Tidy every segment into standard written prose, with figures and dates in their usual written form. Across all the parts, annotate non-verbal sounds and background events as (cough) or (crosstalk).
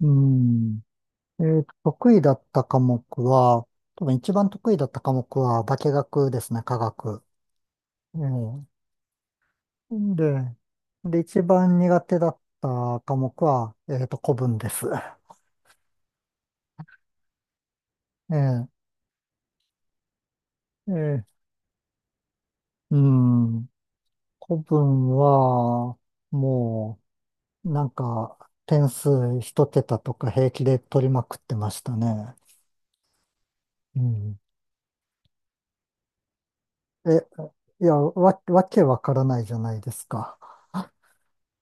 うん。得意だった科目は、多分一番得意だった科目は化学ですね、化学。ええ。で、一番苦手だった科目は、古文です。ええ。ええ。うん。古文は、もう、なんか、点数一桁とか平気で取りまくってましたね。うん。え、わけわからないじゃないですか。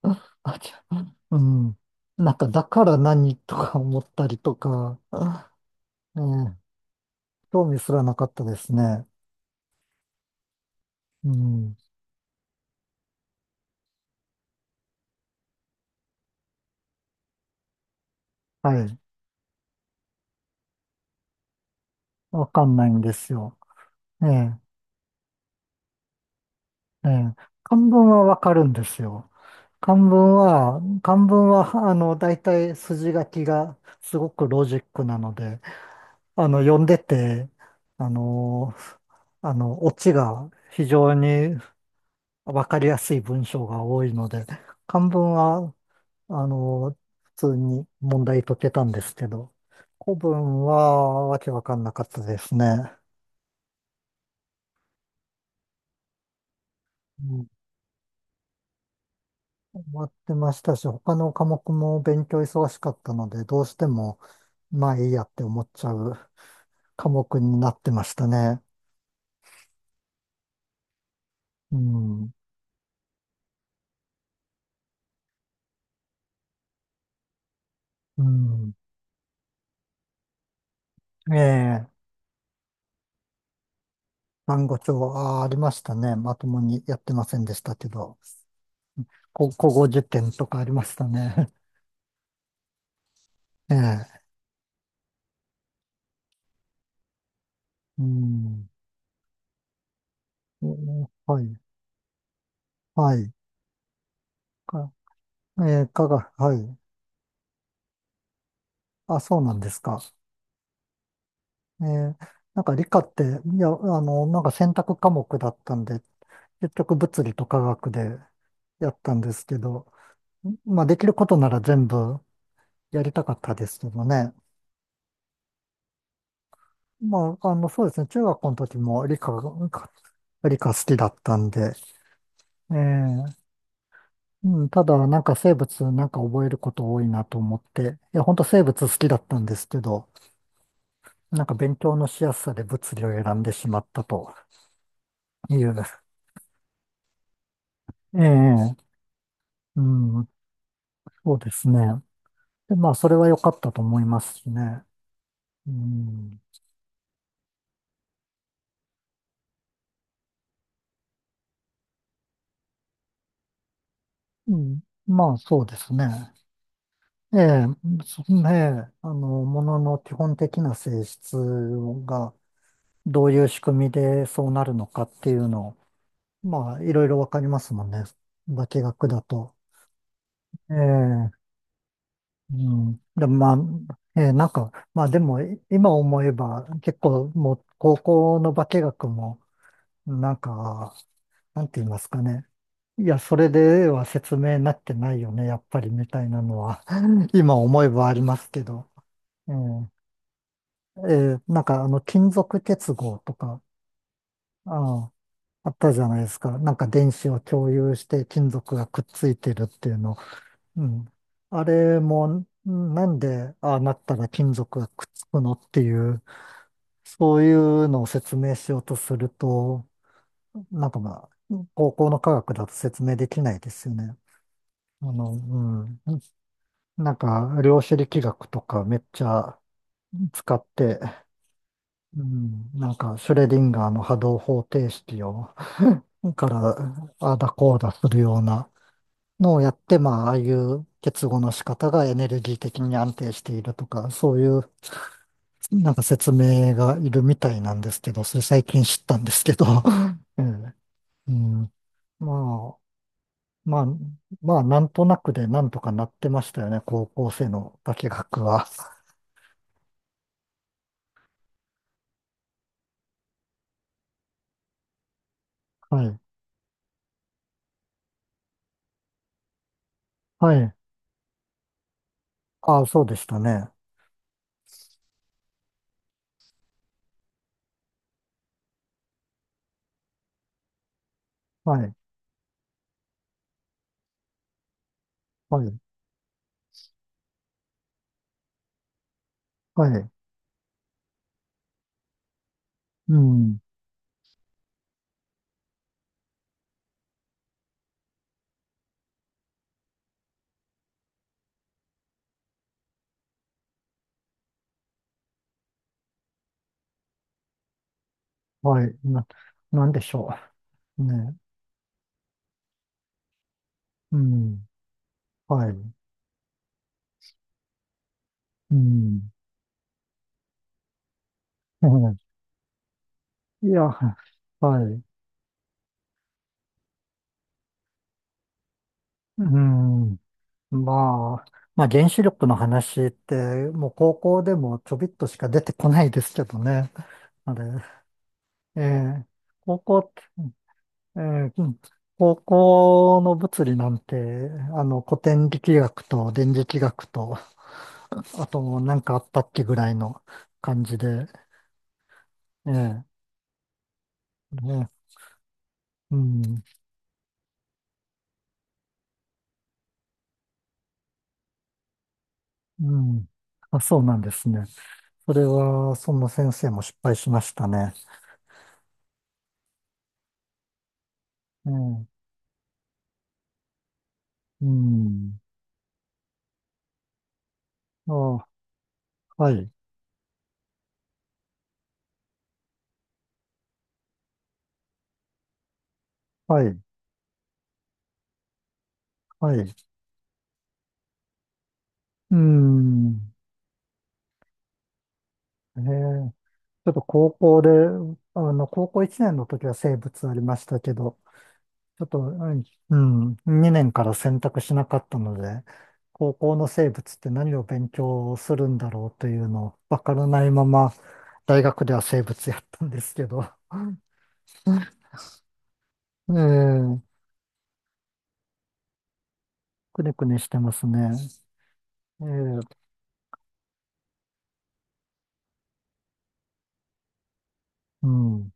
あ、あじゃあ、うん。なんか、だから何とか思ったりとか、ええ、興味すらなかったですね。うん。はい。わかんないんですよ。ええ、ええ。漢文はわかるんですよ。漢文は、大体筋書きがすごくロジックなので、読んでて、あの、オチが非常にわかりやすい文章が多いので、漢文はあの、普通に問題解けたんですけど、古文はわけわかんなかったですね。うん。終わってましたし、他の科目も勉強忙しかったので、どうしても、まあいいやって思っちゃう科目になってましたね。うん。うん。ええ、単語帳はありましたね。まともにやってませんでしたけど、こ古語辞典とかありましたね。(laughs) ええ。うん。うん、はい。はい。えー、科学、はい。あ、そうなんですか。えー、理科って、選択科目だったんで、結局物理と科学でやったんですけど、まあできることなら全部やりたかったですけどね。まあ、そうですね。中学校の時も理科が、理科好きだったんで、えー、うん、ただ生物覚えること多いなと思って、いや、本当生物好きだったんですけど、勉強のしやすさで物理を選んでしまったと。いいよね。ええ、うん、そうですね。で、まあ、それは良かったと思いますしね。うん、うん、まあ、そうですね。ええ、そ、ええ、ものの基本的な性質がどういう仕組みでそうなるのかっていうのを、まあ、いろいろわかりますもんね。化学だと。ええ、うん。で、まあ、ええ、まあでも、い今思えば、結構もう、高校の化学も、なんか、なんて言いますかね。いや、それでは説明になってないよね、やっぱりみたいなのは (laughs) 今思えばありますけど。ええ。ええ。金属結合とか、ああ、あったじゃないですか。なんか電子を共有して金属がくっついてるっていうの。うん。あれも、なんでああなったら金属がくっつくのっていう、そういうのを説明しようとすると、なんかまあ、高校の科学だと説明できないですよね。うん。なんか、量子力学とかめっちゃ使って、うん、なんか、シュレディンガーの波動方程式を、から、ああだこうだするようなのをやって、まあ、ああいう結合の仕方がエネルギー的に安定しているとか、そういう、なんか説明がいるみたいなんですけど、それ最近知ったんですけど、(laughs) ええ。うん。まあ、まあ、まあ、なんとなくでなんとかなってましたよね、高校生の化学は。はい。はい。ああ、そうでしたね。はい。はい。はい。うん。はい。な、なんでしょう。ね。うん。はい。うん。(laughs) うん。いや、はい。うん。まあ、まあ、原子力の話って、もう高校でもちょびっとしか出てこないですけどね。あれ、えー、高校って、えー、うん、高校の物理なんて、古典力学と電磁気学と、あと、なんかあったっけぐらいの感じで、ええ、ね、うん、うん。あ、そうなんですね。それは、その先生も失敗しましたね。ええ、うん。あ、はい、はい、はい。うん。ええ、ちょっと高校で、高校1年の時は生物ありましたけど、ちょっと、うん、2年から選択しなかったので、高校の生物って何を勉強するんだろうというのをわからないまま、大学では生物やったんですけど、ええ、くねくねしてますね。ええ。うん、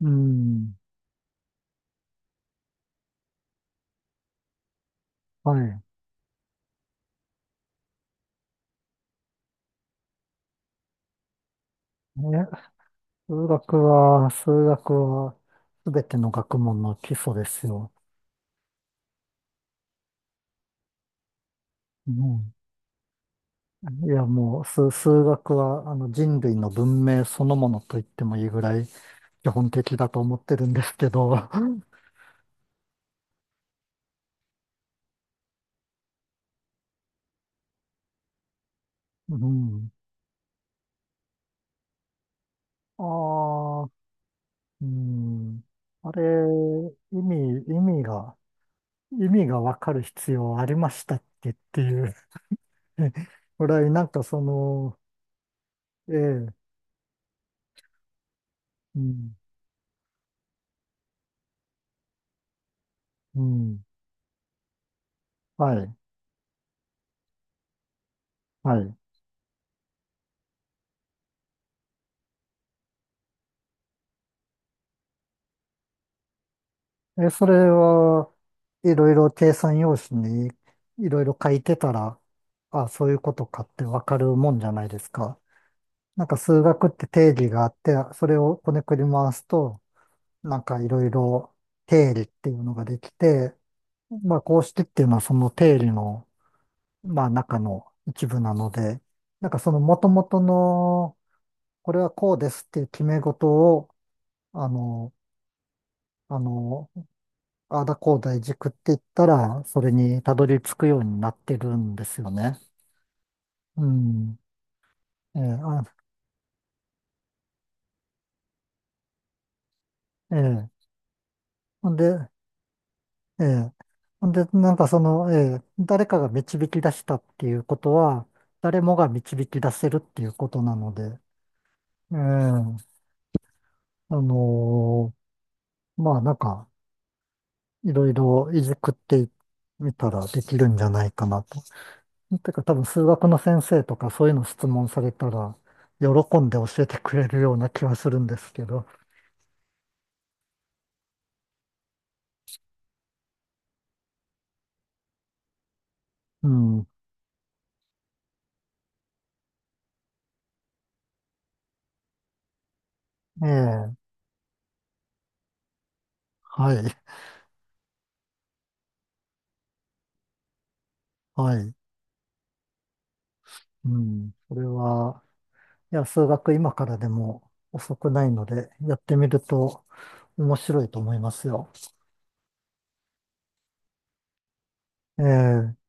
うん、はい。ね、数学は、すべての学問の基礎ですよ。うん。いや、もう、数、数学は、人類の文明そのものと言ってもいいぐらい、基本的だと思ってるんですけど。(laughs) うん。ああ、うん。あれ、意味、意味が、意味がわかる必要ありましたっけっていう (laughs) ぐらい、ええ、うん、うん、はい、はい。え、それはいろいろ計算用紙にいろいろ書いてたら、あ、そういうことかってわかるもんじゃないですか。なんか数学って定義があって、それをこねくり回すと、なんかいろいろ定理っていうのができて、まあこうしてっていうのはその定理の、まあ中の一部なので、なんかその元々の、これはこうですっていう決め事を、あの、あの、あダだこうだいじくって言ったら、それにたどり着くようになってるんですよね。うん。ええ、あ、ええ。ほんで、ええ。んで、ええ、誰かが導き出したっていうことは、誰もが導き出せるっていうことなので、ええ、あのー、まあいろいろいじくってみたらできるんじゃないかなと。てか多分数学の先生とかそういうの質問されたら、喜んで教えてくれるような気はするんですけど、うん、ええ、はい、はい、うん、それは、いや、数学今からでも遅くないので、やってみると面白いと思いますよ。ええ。